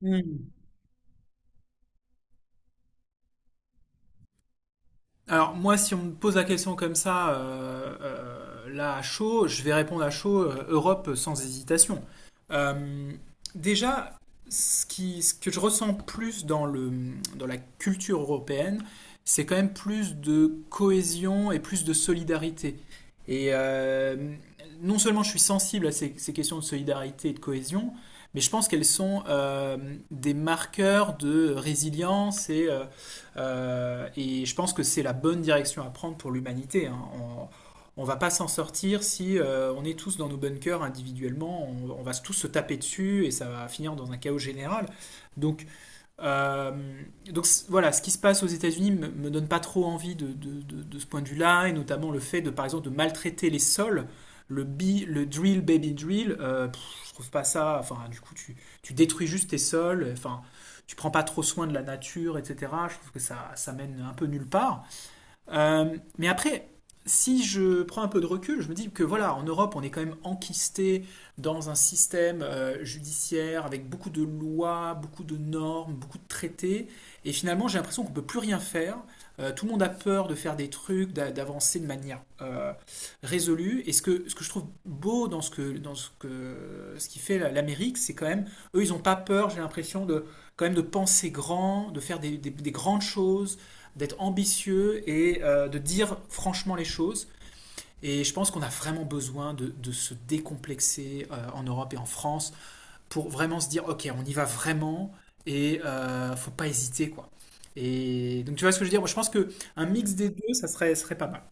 Hmm. Alors moi, si on me pose la question comme ça, là à chaud, je vais répondre à chaud, Europe sans hésitation. Euh, déjà, ce que je ressens plus dans la culture européenne, c'est quand même plus de cohésion et plus de solidarité. Et non seulement je suis sensible à ces questions de solidarité et de cohésion, mais je pense qu'elles sont des marqueurs de résilience et je pense que c'est la bonne direction à prendre pour l'humanité, hein. On ne va pas s'en sortir si on est tous dans nos bunkers individuellement. On va tous se taper dessus et ça va finir dans un chaos général. Donc euh, donc voilà, ce qui se passe aux États-Unis me, me donne pas trop envie de ce point de vue-là, et notamment le fait de, par exemple, de maltraiter les sols, le drill, baby drill, je trouve pas ça. Enfin, du coup, tu détruis juste tes sols, enfin, tu prends pas trop soin de la nature, etc. Je trouve que ça mène un peu nulle part. Mais après, si je prends un peu de recul, je me dis que voilà, en Europe, on est quand même enquisté dans un système judiciaire avec beaucoup de lois, beaucoup de normes, beaucoup de traités. Et finalement, j'ai l'impression qu'on ne peut plus rien faire. Tout le monde a peur de faire des trucs, d'avancer de manière résolue. Ce que je trouve beau ce qui fait l'Amérique, c'est quand même, eux, ils n'ont pas peur, j'ai l'impression, de, quand même de penser grand, de faire des grandes choses, d'être ambitieux et de dire franchement les choses. Et je pense qu'on a vraiment besoin de se décomplexer en Europe et en France pour vraiment se dire, ok, on y va vraiment et faut pas hésiter, quoi. Et donc tu vois ce que je veux dire? Moi, je pense que un mix des deux, serait pas mal.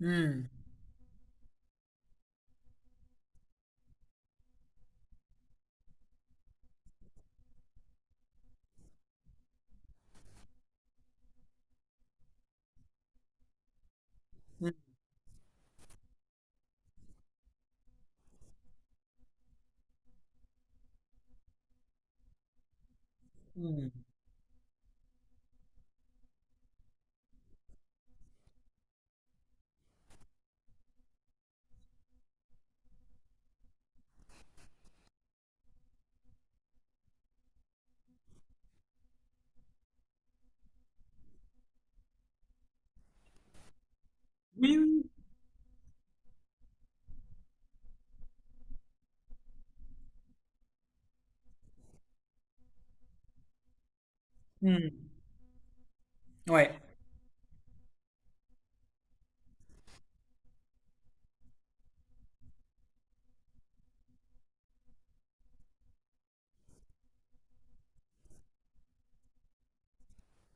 Hmm. Hmm. Hmm. Oui, oui. Oui. Hmm. Ouais,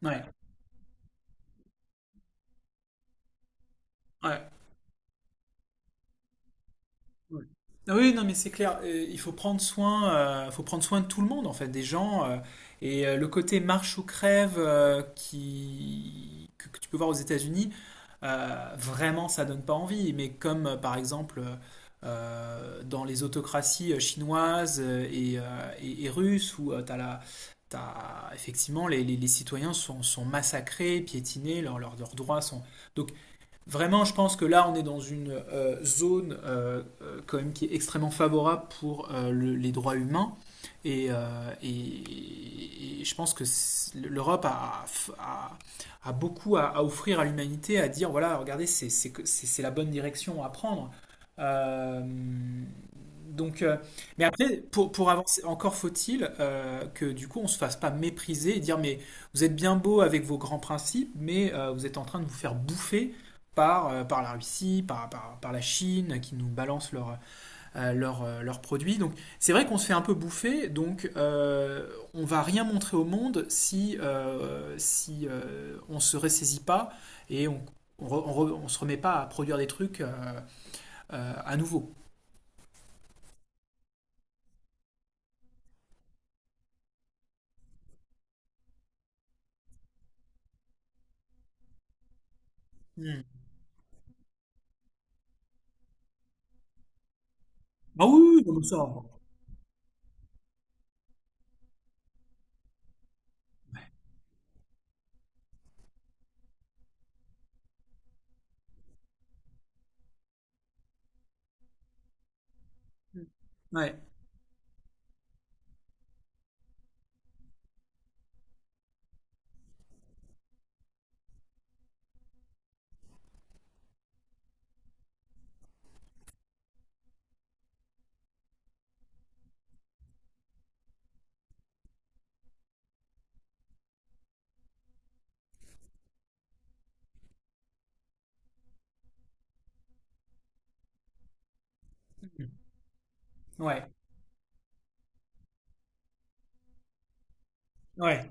ouais, ouais. Ouais. Ah oui, non, mais c'est clair. Il faut prendre soin de tout le monde en fait, des gens. Et le côté marche ou crève que tu peux voir aux États-Unis, vraiment, ça donne pas envie. Mais comme par exemple dans les autocraties chinoises et russes, où tu as la, t'as- effectivement les citoyens sont, sont massacrés, piétinés, leurs droits sont. Donc vraiment, je pense que là, on est dans une zone quand même qui est extrêmement favorable pour les droits humains. Et je pense l'Europe a, a- a beaucoup à offrir à l'humanité, à dire, voilà, regardez, c'est la bonne direction à prendre. Euh, donc, euh, mais après, pour avancer, encore faut-il que du coup, on se fasse pas mépriser et dire, mais vous êtes bien beau avec vos grands principes, mais vous êtes en train de vous faire bouffer par, par la Russie, par la Chine, qui nous balance leurs leurs produits. Donc c'est vrai qu'on se fait un peu bouffer, donc on ne va rien montrer au monde si, on ne se ressaisit pas et on, se remet pas à produire des trucs à nouveau. Hmm. Ah oui, oui, oui, comme ça. Hmm. Ouais, ouais, ouais.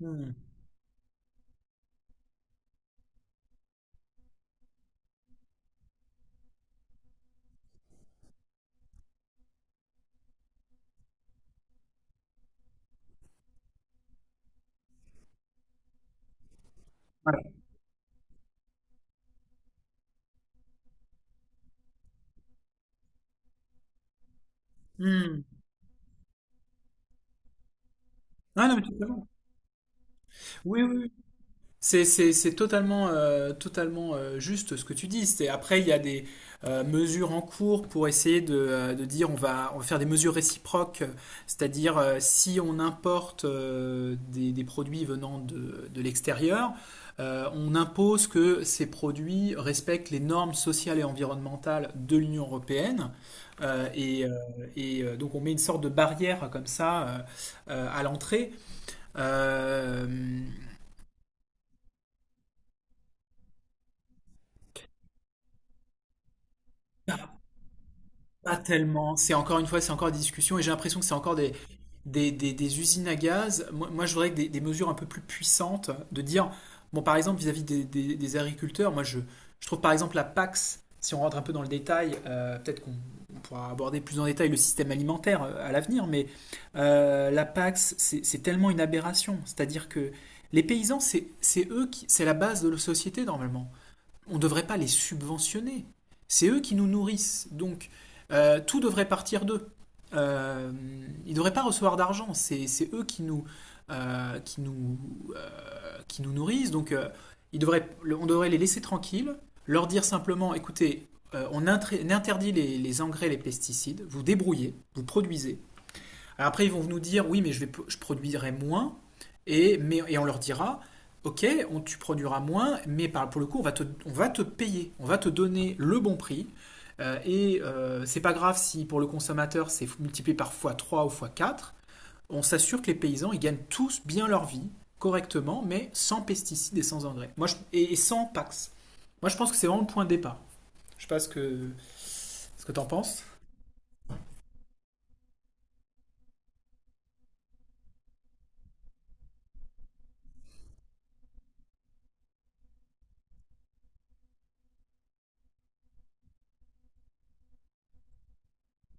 Hmm. Voilà. Hmm. Ah non, mais tout à totalement. Oui, oui, oui. C'est totalement, totalement juste ce que tu dis. C'est, après, il y a des mesures en cours pour essayer de dire on va faire des mesures réciproques, c'est-à-dire si on importe des produits venant de l'extérieur, on impose que ces produits respectent les normes sociales et environnementales de l'Union européenne. Euh, et euh, donc on met une sorte de barrière comme ça à l'entrée. Euh, Pas tellement. C'est encore une fois, c'est encore des discussions et j'ai l'impression que c'est encore des usines à gaz. Moi, moi, je voudrais des mesures un peu plus puissantes de dire, bon, par exemple, vis-à-vis des agriculteurs, moi, je trouve par exemple la PAX, si on rentre un peu dans le détail, peut-être qu'on on pourra aborder plus en détail le système alimentaire à l'avenir, mais la PAX, c'est tellement une aberration. C'est-à-dire que les paysans, c'est eux qui, c'est la base de la société normalement on ne devrait pas les subventionner. C'est eux qui nous nourrissent. Donc, tout devrait partir d'eux. Euh, ils ne devraient pas recevoir d'argent. C'est eux qui nous, euh, qui nous, qui nous nourrissent. Donc, ils devraient, on devrait les laisser tranquilles, leur dire simplement, écoutez, on interdit les engrais, les pesticides, vous débrouillez, vous produisez, après, ils vont nous dire, oui, mais je produirai moins, et on leur dira, ok, tu produiras moins, mais pour le coup, on va te payer, on va te donner le bon prix, c'est pas grave si pour le consommateur, c'est multiplié par fois trois ou fois quatre on s'assure que les paysans, ils gagnent tous bien leur vie, correctement, mais sans pesticides et sans engrais. Moi, je, et, sans PAX. Moi, je pense que c'est vraiment le point de départ. Je sais pas ce que, ce que t'en penses.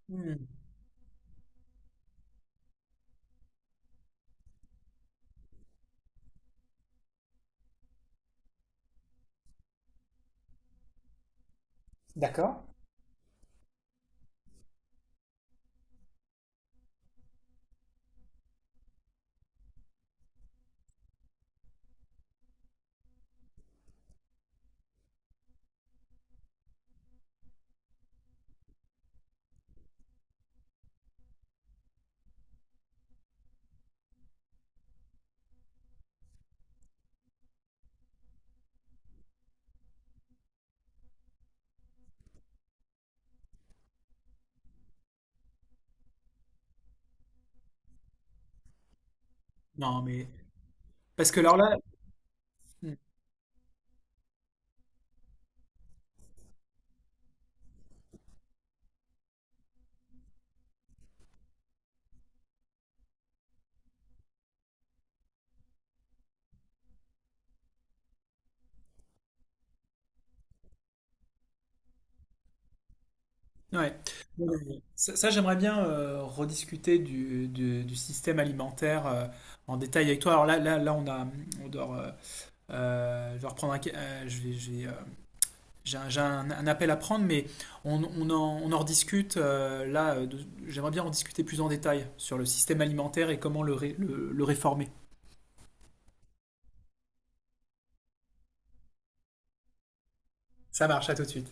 Mmh. D'accord. Non, mais... Parce que alors là, hmm. Ouais. Ouais. Ça, j'aimerais bien rediscuter du système alimentaire en détail avec toi. Alors là, là, là, on a, on doit, je vais reprendre un, ca- je vais, j'ai un, un appel à prendre, mais on en rediscute. J'aimerais bien en discuter plus en détail sur le système alimentaire et comment le, ré- le réformer. Ça marche, à tout de suite.